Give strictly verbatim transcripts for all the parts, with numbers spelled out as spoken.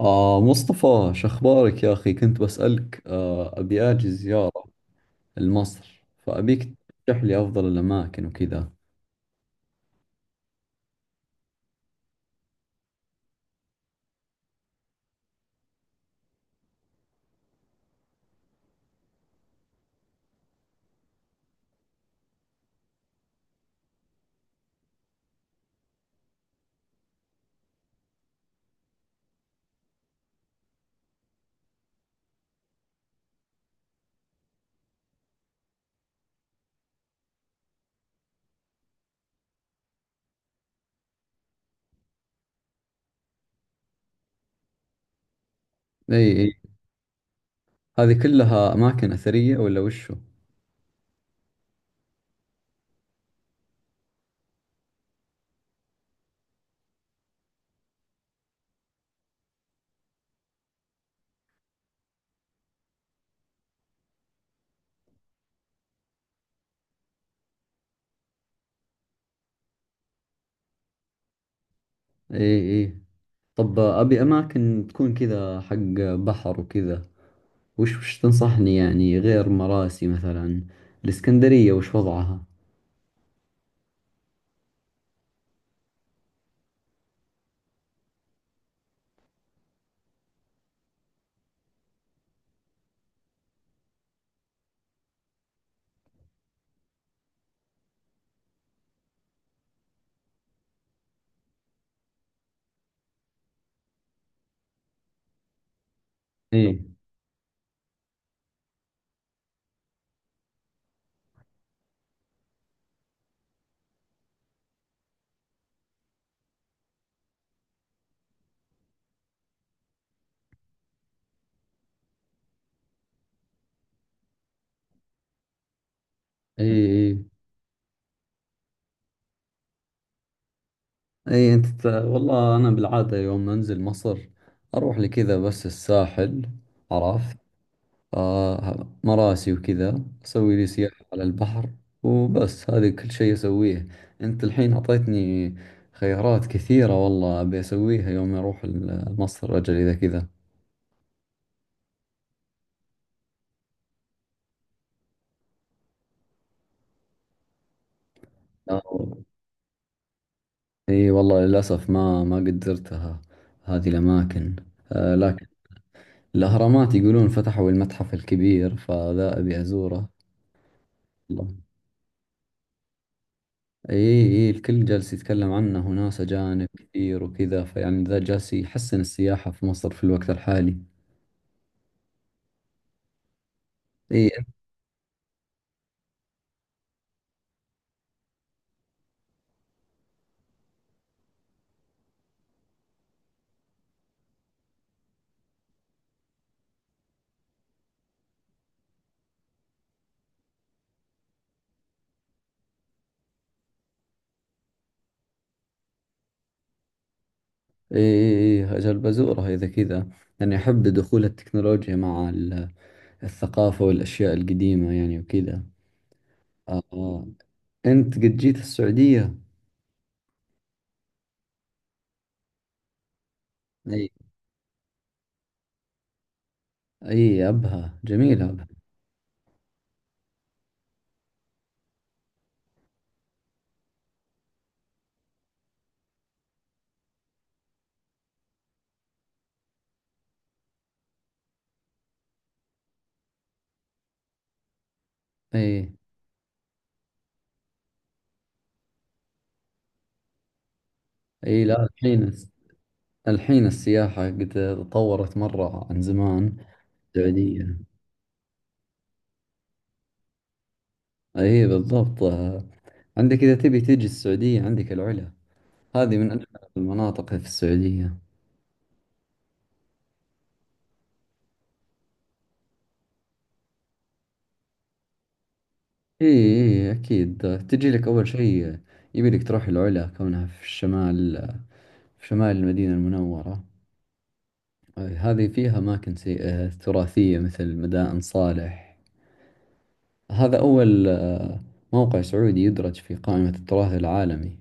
آه مصطفى، شخبارك يا أخي؟ كنت بسألك، آه أبي أجي زيارة لمصر، فأبيك ترشح لي أفضل الأماكن وكذا. إي إي، هذه كلها أماكن أثرية ولا وشو؟ إي إي. طب، آه، أبي أماكن تكون كذا، حق بحر وكذا. وش وش تنصحني يعني غير مراسي مثلا؟ الإسكندرية وش وضعها؟ إي إي، إي إي. أنت ت- والله أنا بالعادة يوم أنزل مصر أروح لكذا، بس الساحل، عرفت، آه مراسي وكذا، أسوي لي سياحة على البحر، وبس هذه كل شيء أسويه. أنت الحين أعطيتني خيارات كثيرة، والله أبي أسويها يوم أروح ال- مصر، أجل إذا كذا. آه، إي والله للأسف ما ما قد زرتها هذه الأماكن. آه، لكن الأهرامات يقولون فتحوا المتحف الكبير، فذا أبي أزوره. والله، إي إي، الكل جالس يتكلم عنه، وناس أجانب كثير وكذا، فيعني ذا جالس يحسن السياحة في مصر في الوقت الحالي. اي اي، اجل بزوره اذا كذا، لاني احب دخول التكنولوجيا مع ال- الثقافة والاشياء القديمة يعني وكذا. آه. انت قد جيت السعودية؟ اي اي، ابها جميلة ابها. اي اي. لا، الحين الحين السياحة قد تطورت مرة عن زمان. السعودية، اي بالضبط. آه. عندك، اذا تبي تجي السعودية، عندك العلا، هذه من اجمل المناطق في السعودية. إيه إيه إيه، أكيد تجي لك أول شيء يبي لك تروح العلا، كونها في الشمال، في شمال المدينة المنورة. آه، هذه فيها أماكن سي- آه، تراثية مثل مدائن صالح. هذا أول آه، موقع سعودي يدرج في قائمة التراث العالمي،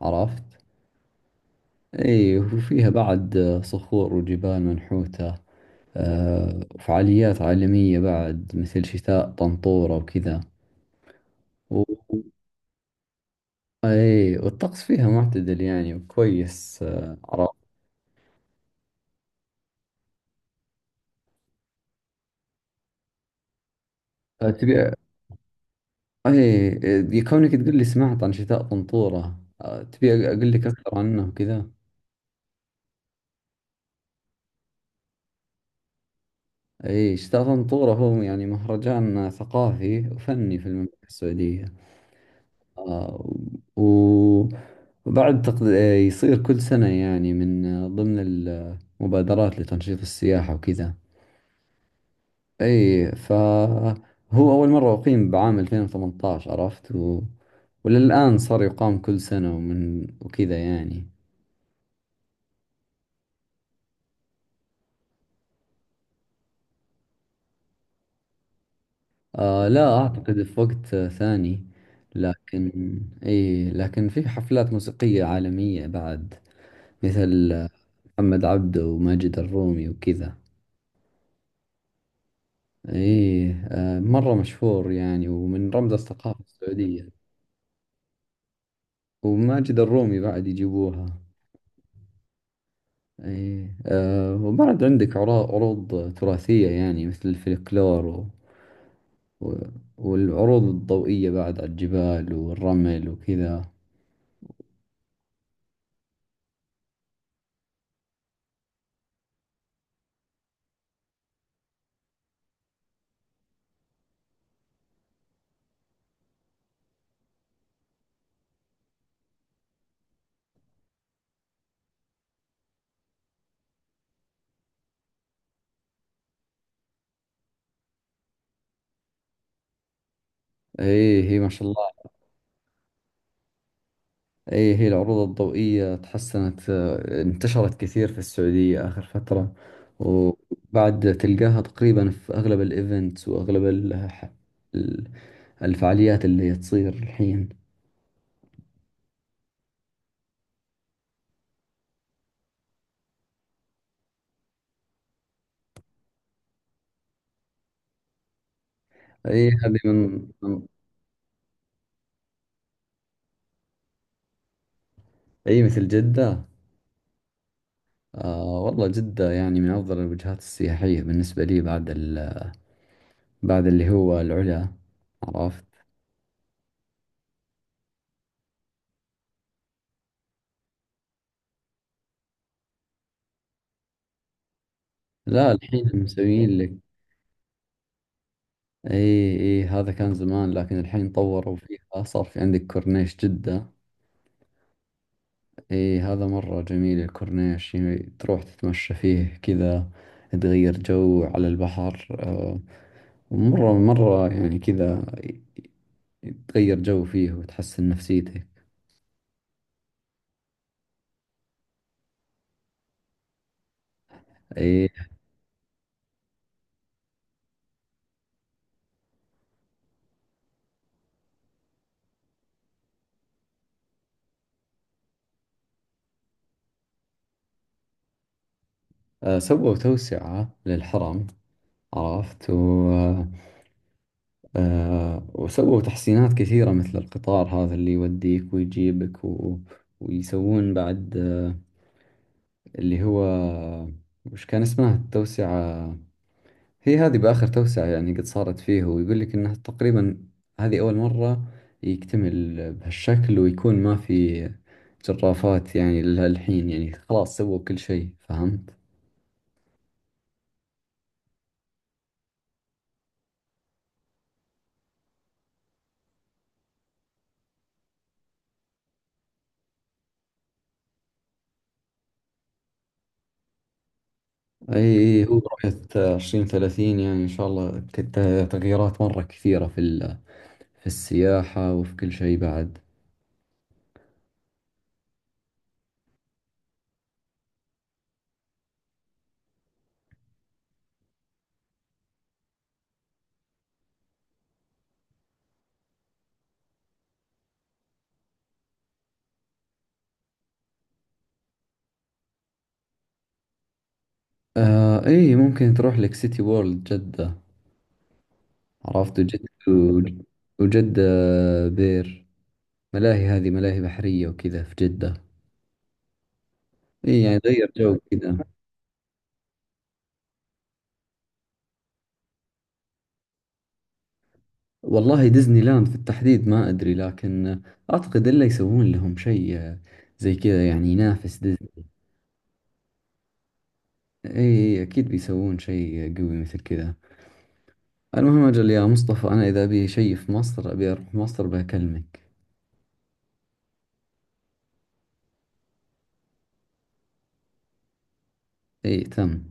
عرفت؟ إيه، وفيها بعد آه، صخور وجبال منحوتة، آه، وفعاليات عالمية بعد مثل شتاء طنطورة وكذا. اي، والطقس فيها معتدل يعني وكويس، آه، عرفت. آه، تبي، اي، آه، كونك تقول لي سمعت عن شتاء طنطورة، آه، تبي اقول لك اكثر عنه وكذا. اي، شتاء طنطورة هو يعني مهرجان ثقافي وفني في المملكة السعودية. آه، و- وبعد تقد... آه، يصير كل سنة يعني، من آه، ضمن المبادرات لتنشيط السياحة وكذا. اي، فهو اول مرة اقيم بعام ألفين وثمانية عشر، عرفت، و... وللآن صار يقام كل سنة ومن وكذا يعني. آه، لا اعتقد، في وقت آه، ثاني. لكن، اي، لكن في حفلات موسيقية عالمية بعد مثل آه، محمد عبده وماجد الرومي وكذا. اي، آه مرة مشهور يعني، ومن رمز الثقافة السعودية. وماجد الرومي بعد يجيبوها. اي، أه، وبعد عندك عرا- عروض تراثية يعني مثل الفلكلور و... و... والعروض الضوئية بعد على الجبال والرمل وكذا. اي، هي ما شاء الله. اي، هي العروض الضوئية تحسنت، آه، انتشرت كثير في السعودية آخر فترة. وبعد تلقاها تقريبا في أغلب الايفنتس وأغلب ال... ال- الفعاليات اللي تصير الحين. اي، هذه من من- اي مثل جدة. آه والله، جدة يعني من أفضل الوجهات السياحية بالنسبة لي بعد ال... بعد اللي هو العلا، عرفت. لا، الحين مسويين لك. اي اي، هذا كان زمان، لكن الحين طوروا فيها، صار في عندك كورنيش جدة. اي، هذا مرة جميل الكورنيش، يعني تروح تتمشى فيه كذا، تغير جو على البحر، آه، مرة مرة يعني كذا، تغير جو فيه وتحسن نفسيتك. اي، آه سووا توسعة للحرم، عرفت، و، آه، وسووا تحسينات كثيرة مثل القطار هذا اللي يوديك ويجيبك و... ويسوون بعد آه اللي هو، وش كان اسمها التوسعة. هي هذه بآخر توسعة يعني قد صارت فيه، ويقول لك إنها تقريبا هذه أول مرة يكتمل بهالشكل، ويكون ما في جرافات يعني للحين، يعني خلاص سووا كل شيء، فهمت؟ أي أي، هو رؤية عشرين ثلاثين يعني، إن شاء الله ت- تغييرات مرة كثيرة في في السياحة وفي كل شيء بعد. آه إيه، ممكن تروح لك سيتي وورلد جدة، عرفت. وجدة، وجدة بير ملاهي، هذه ملاهي بحرية وكذا في جدة. إيه يعني غير جو كذا. والله، ديزني لاند في التحديد ما أدري، لكن أعتقد إلا يسوون لهم شيء زي كذا يعني، ينافس ديزني. إيه إيه، إيه، أكيد بيسوون شيء قوي مثل كذا. المهم أجل يا مصطفى، أنا إذا أبي شيء في مصر، أبي أروح مصر بكلمك. إيه تم.